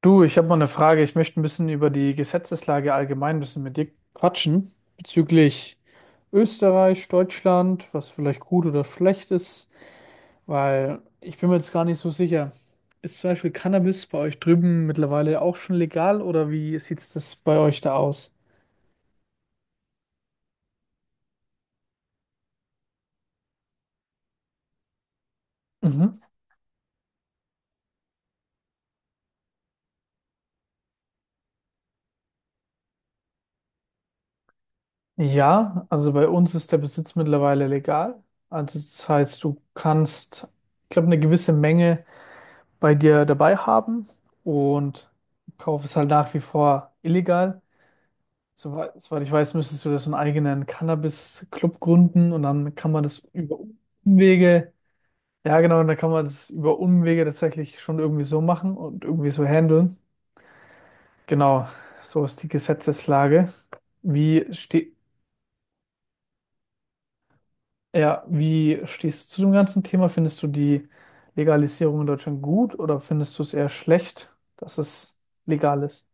Du, ich habe mal eine Frage. Ich möchte ein bisschen über die Gesetzeslage allgemein ein bisschen mit dir quatschen bezüglich Österreich, Deutschland, was vielleicht gut oder schlecht ist, weil ich bin mir jetzt gar nicht so sicher. Ist zum Beispiel Cannabis bei euch drüben mittlerweile auch schon legal oder wie sieht das bei euch da aus? Mhm. Ja, also bei uns ist der Besitz mittlerweile legal. Also das heißt, du kannst, ich glaube, eine gewisse Menge bei dir dabei haben und Kauf ist halt nach wie vor illegal. Soweit ich weiß, müsstest du das einen eigenen Cannabis-Club gründen und dann kann man das über Umwege, ja genau, und dann kann man das über Umwege tatsächlich schon irgendwie so machen und irgendwie so handeln. Genau, so ist die Gesetzeslage. Wie ste ja, wie stehst du zu dem ganzen Thema? Findest du die Legalisierung in Deutschland gut oder findest du es eher schlecht, dass es legal ist?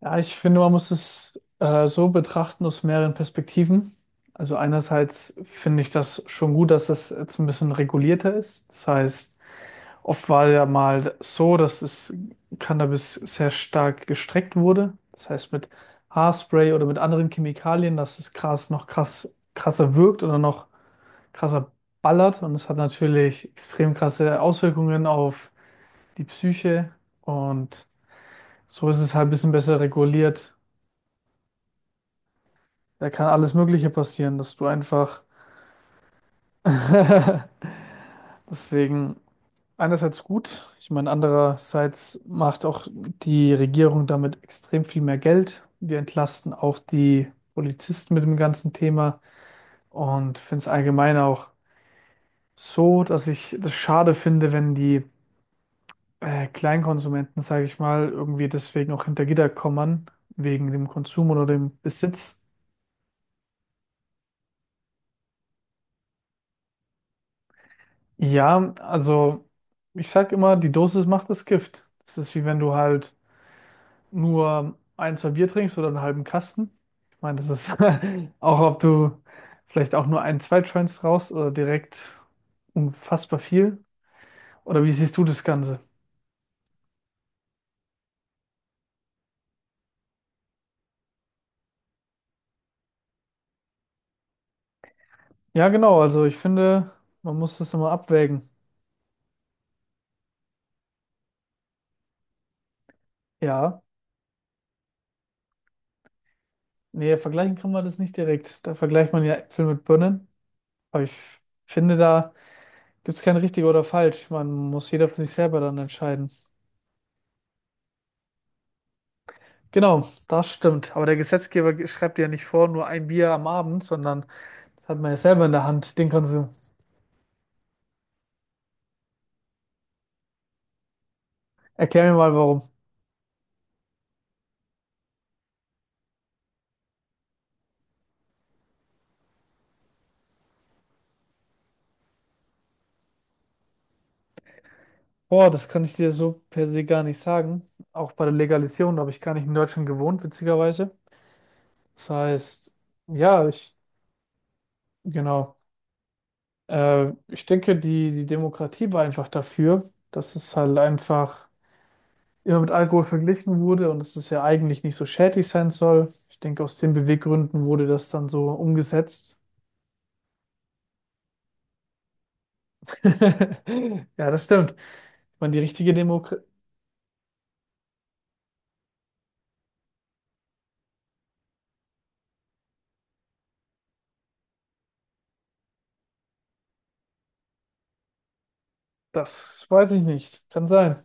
Ja, ich finde, man muss es so betrachten aus mehreren Perspektiven. Also einerseits finde ich das schon gut, dass das jetzt ein bisschen regulierter ist. Das heißt, oft war ja mal so, dass das Cannabis sehr stark gestreckt wurde. Das heißt, mit Haarspray oder mit anderen Chemikalien, dass das Gras noch krass, krasser wirkt oder noch krasser ballert. Und es hat natürlich extrem krasse Auswirkungen auf die Psyche. Und so ist es halt ein bisschen besser reguliert. Da kann alles Mögliche passieren, dass du einfach. Deswegen einerseits gut, ich meine, andererseits macht auch die Regierung damit extrem viel mehr Geld. Wir entlasten auch die Polizisten mit dem ganzen Thema und finde es allgemein auch so, dass ich das schade finde, wenn die Kleinkonsumenten, sage ich mal, irgendwie deswegen auch hinter Gitter kommen, wegen dem Konsum oder dem Besitz. Ja, also ich sag immer, die Dosis macht das Gift. Das ist wie wenn du halt nur ein, zwei Bier trinkst oder einen halben Kasten. Ich meine, das ist auch, ob du vielleicht auch nur ein, zwei Joints raus oder direkt unfassbar viel. Oder wie siehst du das Ganze? Ja, genau. Also ich finde, man muss das immer abwägen. Ja, nee, vergleichen kann man das nicht direkt. Da vergleicht man ja Äpfel mit Birnen. Aber ich finde, da gibt es kein richtig oder falsch. Man muss jeder für sich selber dann entscheiden. Genau, das stimmt. Aber der Gesetzgeber schreibt dir ja nicht vor, nur ein Bier am Abend, sondern das hat man ja selber in der Hand, den Konsum. Erklär mir mal, warum. Boah, das kann ich dir so per se gar nicht sagen. Auch bei der Legalisierung, da habe ich gar nicht in Deutschland gewohnt, witzigerweise. Das heißt, ja, ich, genau. Ich denke, die Demokratie war einfach dafür, dass es halt einfach immer mit Alkohol verglichen wurde und dass es ja eigentlich nicht so schädlich sein soll. Ich denke, aus den Beweggründen wurde das dann so umgesetzt. Ja, das stimmt. Man, die richtige Demokratie, das weiß ich nicht. Kann sein.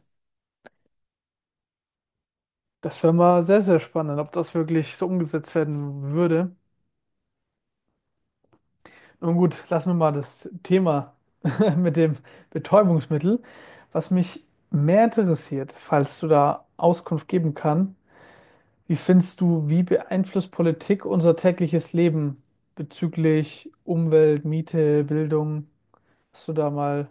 Das wäre mal sehr, sehr spannend, ob das wirklich so umgesetzt werden würde. Nun gut, lassen wir mal das Thema mit dem Betäubungsmittel. Was mich mehr interessiert, falls du da Auskunft geben kann, wie findest du, wie beeinflusst Politik unser tägliches Leben bezüglich Umwelt, Miete, Bildung? Hast du da mal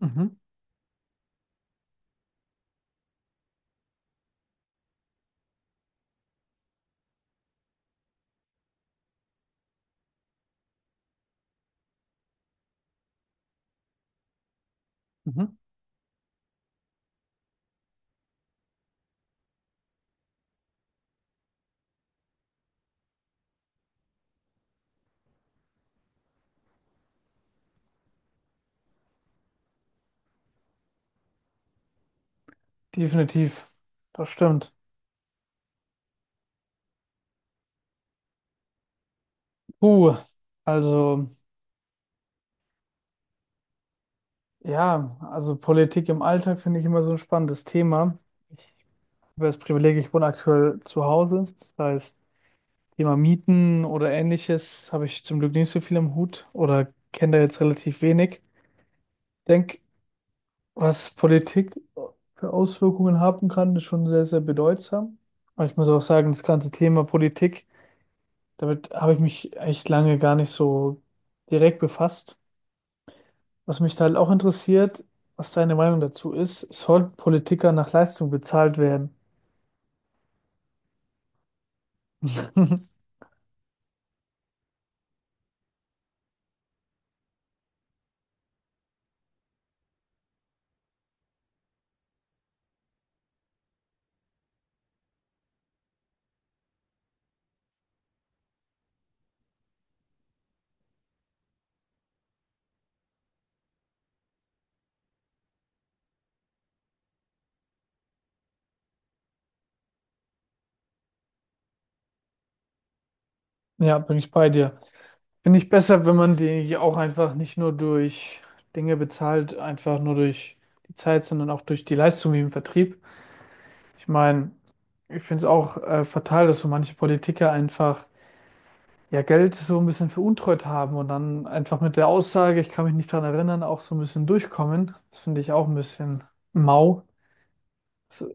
Mhm, mhm. Definitiv, das stimmt. Puh, also ja, also Politik im Alltag finde ich immer so ein spannendes Thema. Ich habe das Privileg, ich wohne aktuell zu Hause. Das heißt, Thema Mieten oder ähnliches habe ich zum Glück nicht so viel im Hut oder kenne da jetzt relativ wenig. Ich denke, was Politik für Auswirkungen haben kann, ist schon sehr, sehr bedeutsam. Aber ich muss auch sagen, das ganze Thema Politik, damit habe ich mich echt lange gar nicht so direkt befasst. Was mich da halt auch interessiert, was deine Meinung dazu ist, sollten Politiker nach Leistung bezahlt werden? Ja, bin ich bei dir. Finde ich besser, wenn man die auch einfach nicht nur durch Dinge bezahlt, einfach nur durch die Zeit, sondern auch durch die Leistung wie im Vertrieb. Ich meine, ich finde es auch fatal, dass so manche Politiker einfach ja Geld so ein bisschen veruntreut haben und dann einfach mit der Aussage, ich kann mich nicht daran erinnern, auch so ein bisschen durchkommen. Das finde ich auch ein bisschen mau. So,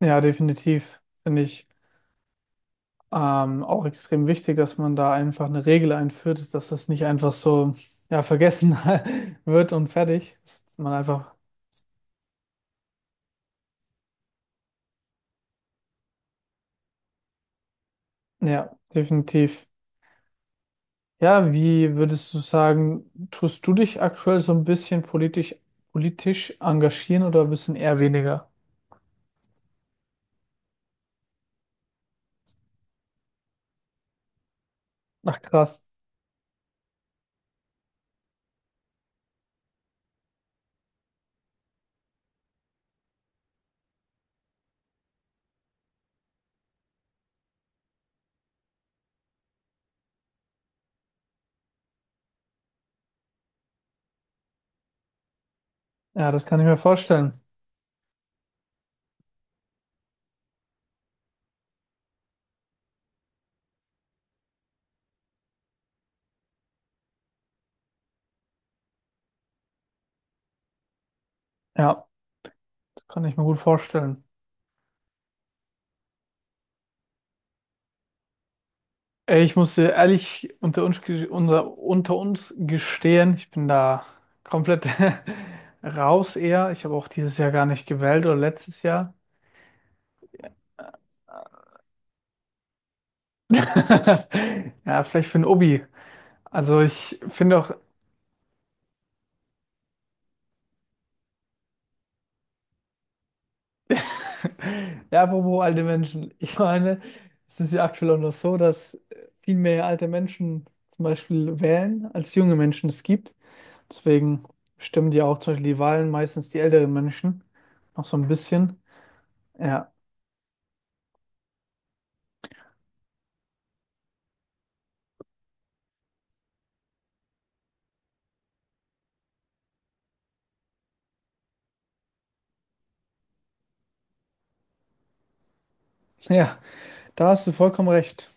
ja, definitiv. Finde ich auch extrem wichtig, dass man da einfach eine Regel einführt, dass das nicht einfach so ja, vergessen wird und fertig. Dass man einfach, ja, definitiv. Ja, wie würdest du sagen, tust du dich aktuell so ein bisschen politisch, politisch engagieren oder ein bisschen eher weniger? Ach, krass. Ja, das kann ich mir vorstellen. Ja, das kann ich mir gut vorstellen. Ey, ich muss dir ehrlich unter uns, unter, unter uns gestehen, ich bin da komplett raus eher. Ich habe auch dieses Jahr gar nicht gewählt oder letztes Jahr. Ja, vielleicht für ein Obi. Also ich finde auch, ja, apropos alte Menschen. Ich meine, es ist ja aktuell auch noch so, dass viel mehr alte Menschen zum Beispiel wählen, als junge Menschen es gibt. Deswegen stimmen die auch zum Beispiel die Wahlen meistens die älteren Menschen noch so ein bisschen. Ja, ja. Da hast du vollkommen recht.